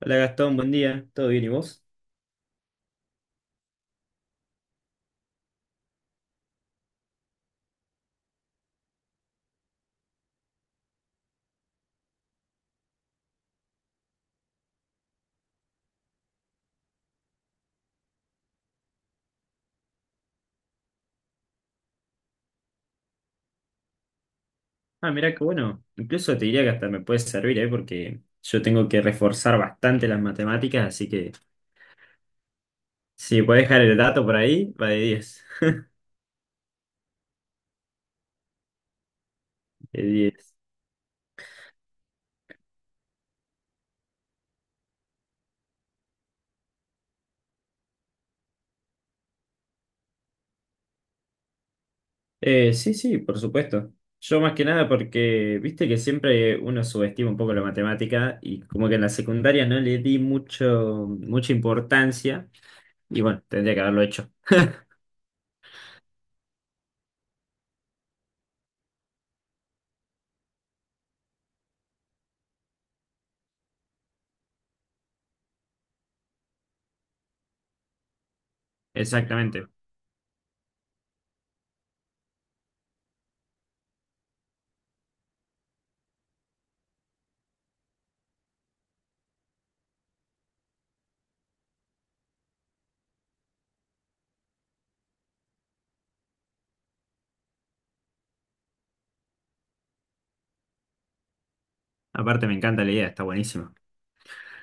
Hola Gastón, buen día. ¿Todo bien y vos? Ah, mirá que bueno. Incluso te diría que hasta me puede servir, ¿eh? Porque yo tengo que reforzar bastante las matemáticas, así que si podés dejar el dato por ahí, va de diez. De diez. Sí, sí, por supuesto. Yo más que nada porque, viste que siempre uno subestima un poco la matemática y como que en la secundaria no le di mucha importancia y bueno, tendría que haberlo hecho. Exactamente. Aparte me encanta la idea, está buenísima.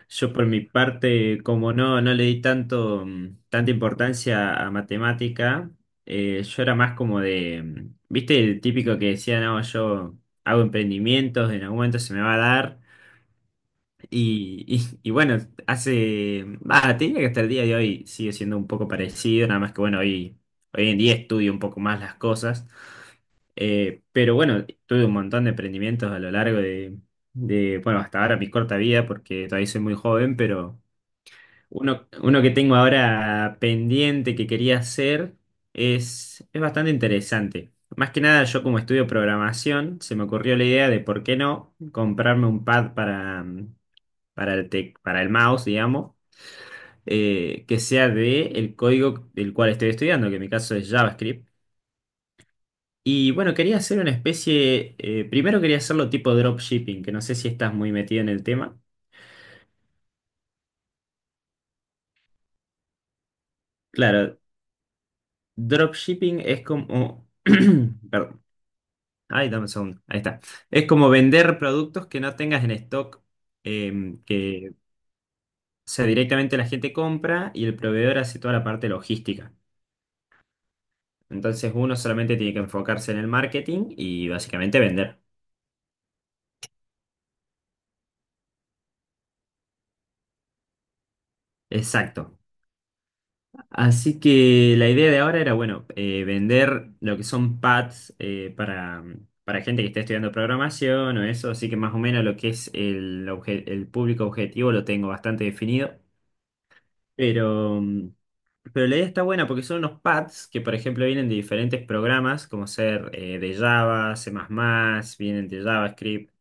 Yo por mi parte, como no le di tanto, tanta importancia a matemática, yo era más como de, viste, el típico que decía, no, yo hago emprendimientos, en algún momento se me va a dar. Y, y bueno, hace, te diría que hasta el día de hoy sigue siendo un poco parecido, nada más que bueno, hoy en día estudio un poco más las cosas. Pero bueno, tuve un montón de emprendimientos a lo largo de, bueno, hasta ahora mi corta vida, porque todavía soy muy joven, pero... Uno que tengo ahora pendiente que quería hacer es bastante interesante. Más que nada, yo como estudio programación, se me ocurrió la idea de por qué no comprarme un pad para, para para el mouse, digamos, que sea de el código del cual estoy estudiando, que en mi caso es JavaScript. Y bueno, quería hacer una especie, primero quería hacerlo tipo dropshipping, que no sé si estás muy metido en el tema. Claro, dropshipping es como... perdón. Ay, dame un segundo. Ahí está. Es como vender productos que no tengas en stock, o sea, directamente la gente compra y el proveedor hace toda la parte logística. Entonces uno solamente tiene que enfocarse en el marketing y básicamente vender. Exacto. Así que la idea de ahora era, bueno, vender lo que son pads para gente que está estudiando programación o eso. Así que más o menos lo que es el público objetivo lo tengo bastante definido. Pero pero la idea está buena porque son unos pads que, por ejemplo, vienen de diferentes programas, como ser de Java, C++, vienen de JavaScript.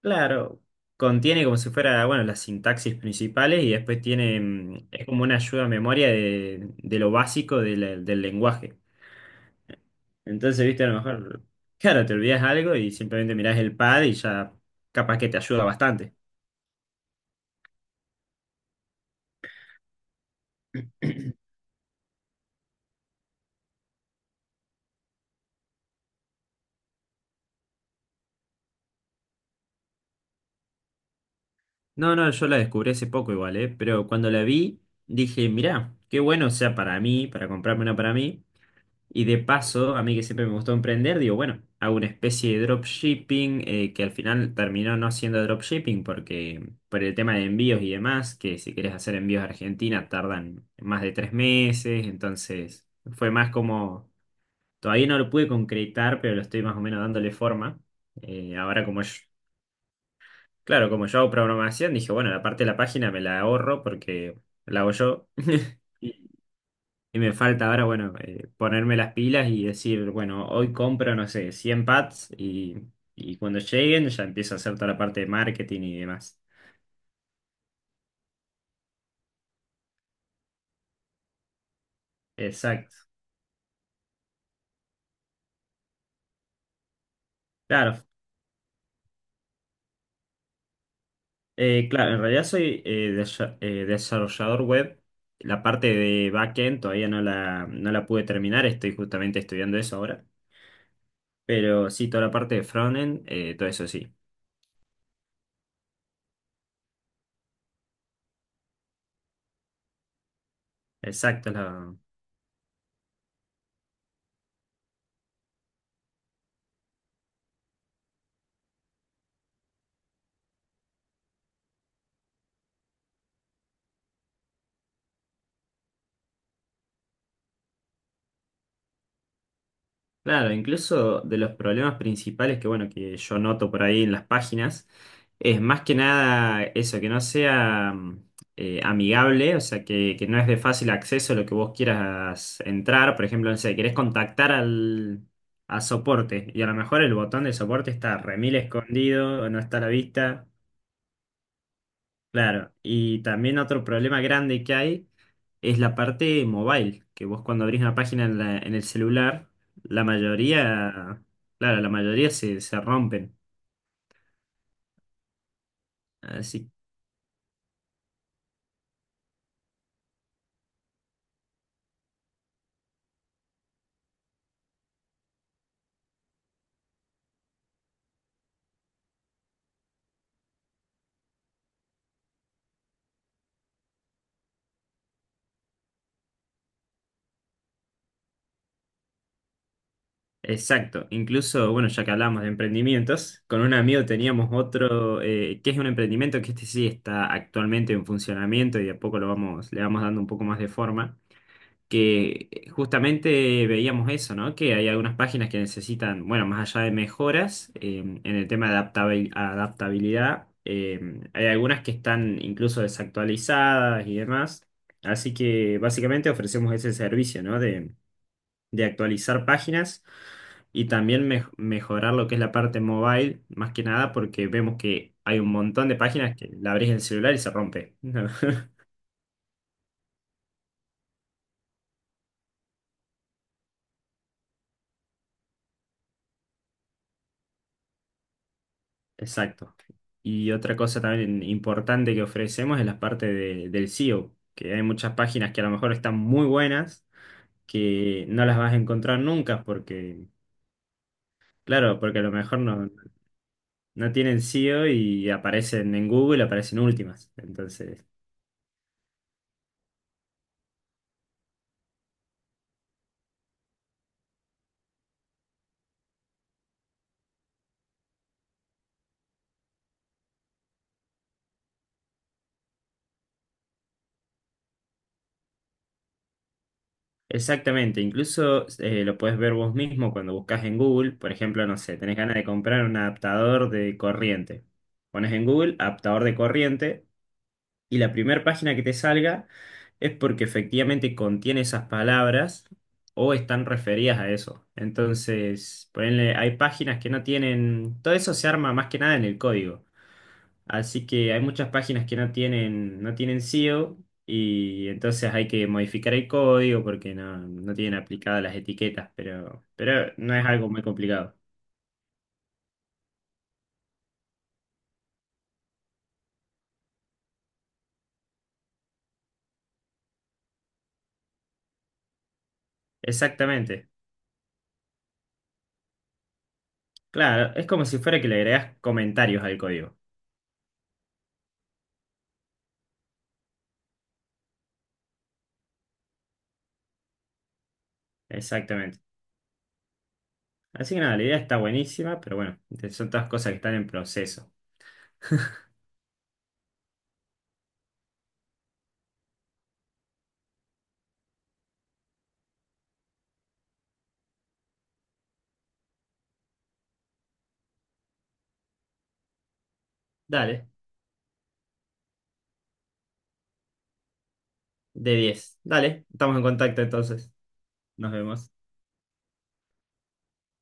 Claro, contiene como si fuera, bueno, las sintaxis principales y después tiene, es como una ayuda a memoria de lo básico de del lenguaje. Entonces, viste, a lo mejor, claro, te olvidas algo y simplemente mirás el pad y ya capaz que te ayuda bastante. No, no, yo la descubrí hace poco igual, ¿eh? Pero cuando la vi, dije, mirá, qué bueno, o sea, para mí, para comprarme una para mí. Y de paso, a mí que siempre me gustó emprender, digo, bueno, hago una especie de dropshipping que al final terminó no siendo dropshipping porque por el tema de envíos y demás, que si querés hacer envíos a Argentina tardan más de tres meses, entonces fue más como, todavía no lo pude concretar, pero lo estoy más o menos dándole forma. Eh, ahora como yo, claro, como yo hago programación, dije, bueno, la parte de la página me la ahorro porque la hago yo. Y me falta ahora, bueno, ponerme las pilas y decir, bueno, hoy compro, no sé, 100 pads y cuando lleguen ya empiezo a hacer toda la parte de marketing y demás. Exacto. Claro, claro, en realidad soy desarrollador web. La parte de backend todavía no la, no la pude terminar, estoy justamente estudiando eso ahora. Pero sí, toda la parte de frontend, todo eso sí. Exacto. Claro, incluso de los problemas principales que, bueno, que yo noto por ahí en las páginas, es más que nada eso, que no sea amigable, o sea, que no es de fácil acceso lo que vos quieras entrar. Por ejemplo, no sé, querés contactar a soporte y a lo mejor el botón de soporte está remil escondido o no está a la vista. Claro, y también otro problema grande que hay es la parte mobile, que vos cuando abrís una página en el celular, la mayoría, claro, la mayoría se rompen. Así, exacto. Incluso, bueno, ya que hablamos de emprendimientos, con un amigo teníamos otro, que es un emprendimiento que este sí está actualmente en funcionamiento y de a poco le vamos dando un poco más de forma. Que justamente veíamos eso, ¿no? Que hay algunas páginas que necesitan, bueno, más allá de mejoras en el tema de adaptabilidad, hay algunas que están incluso desactualizadas y demás. Así que básicamente ofrecemos ese servicio, ¿no? De actualizar páginas y también mejorar lo que es la parte mobile, más que nada porque vemos que hay un montón de páginas que la abrís en el celular y se rompe. Exacto. Y otra cosa también importante que ofrecemos es la parte del SEO, que hay muchas páginas que a lo mejor están muy buenas, que no las vas a encontrar nunca porque, claro, porque a lo mejor no tienen SEO y aparecen en Google, aparecen últimas. Entonces, exactamente, incluso lo puedes ver vos mismo cuando buscas en Google, por ejemplo, no sé, tenés ganas de comprar un adaptador de corriente. Pones en Google adaptador de corriente y la primera página que te salga es porque efectivamente contiene esas palabras o están referidas a eso. Entonces, ponele, hay páginas que no tienen, todo eso se arma más que nada en el código. Así que hay muchas páginas que no tienen SEO y entonces hay que modificar el código porque no tienen aplicadas las etiquetas, pero no es algo muy complicado. Exactamente. Claro, es como si fuera que le agregas comentarios al código. Exactamente. Así que nada, la idea está buenísima, pero bueno, son todas cosas que están en proceso. Dale, de 10, dale, estamos en contacto entonces. Nos vemos.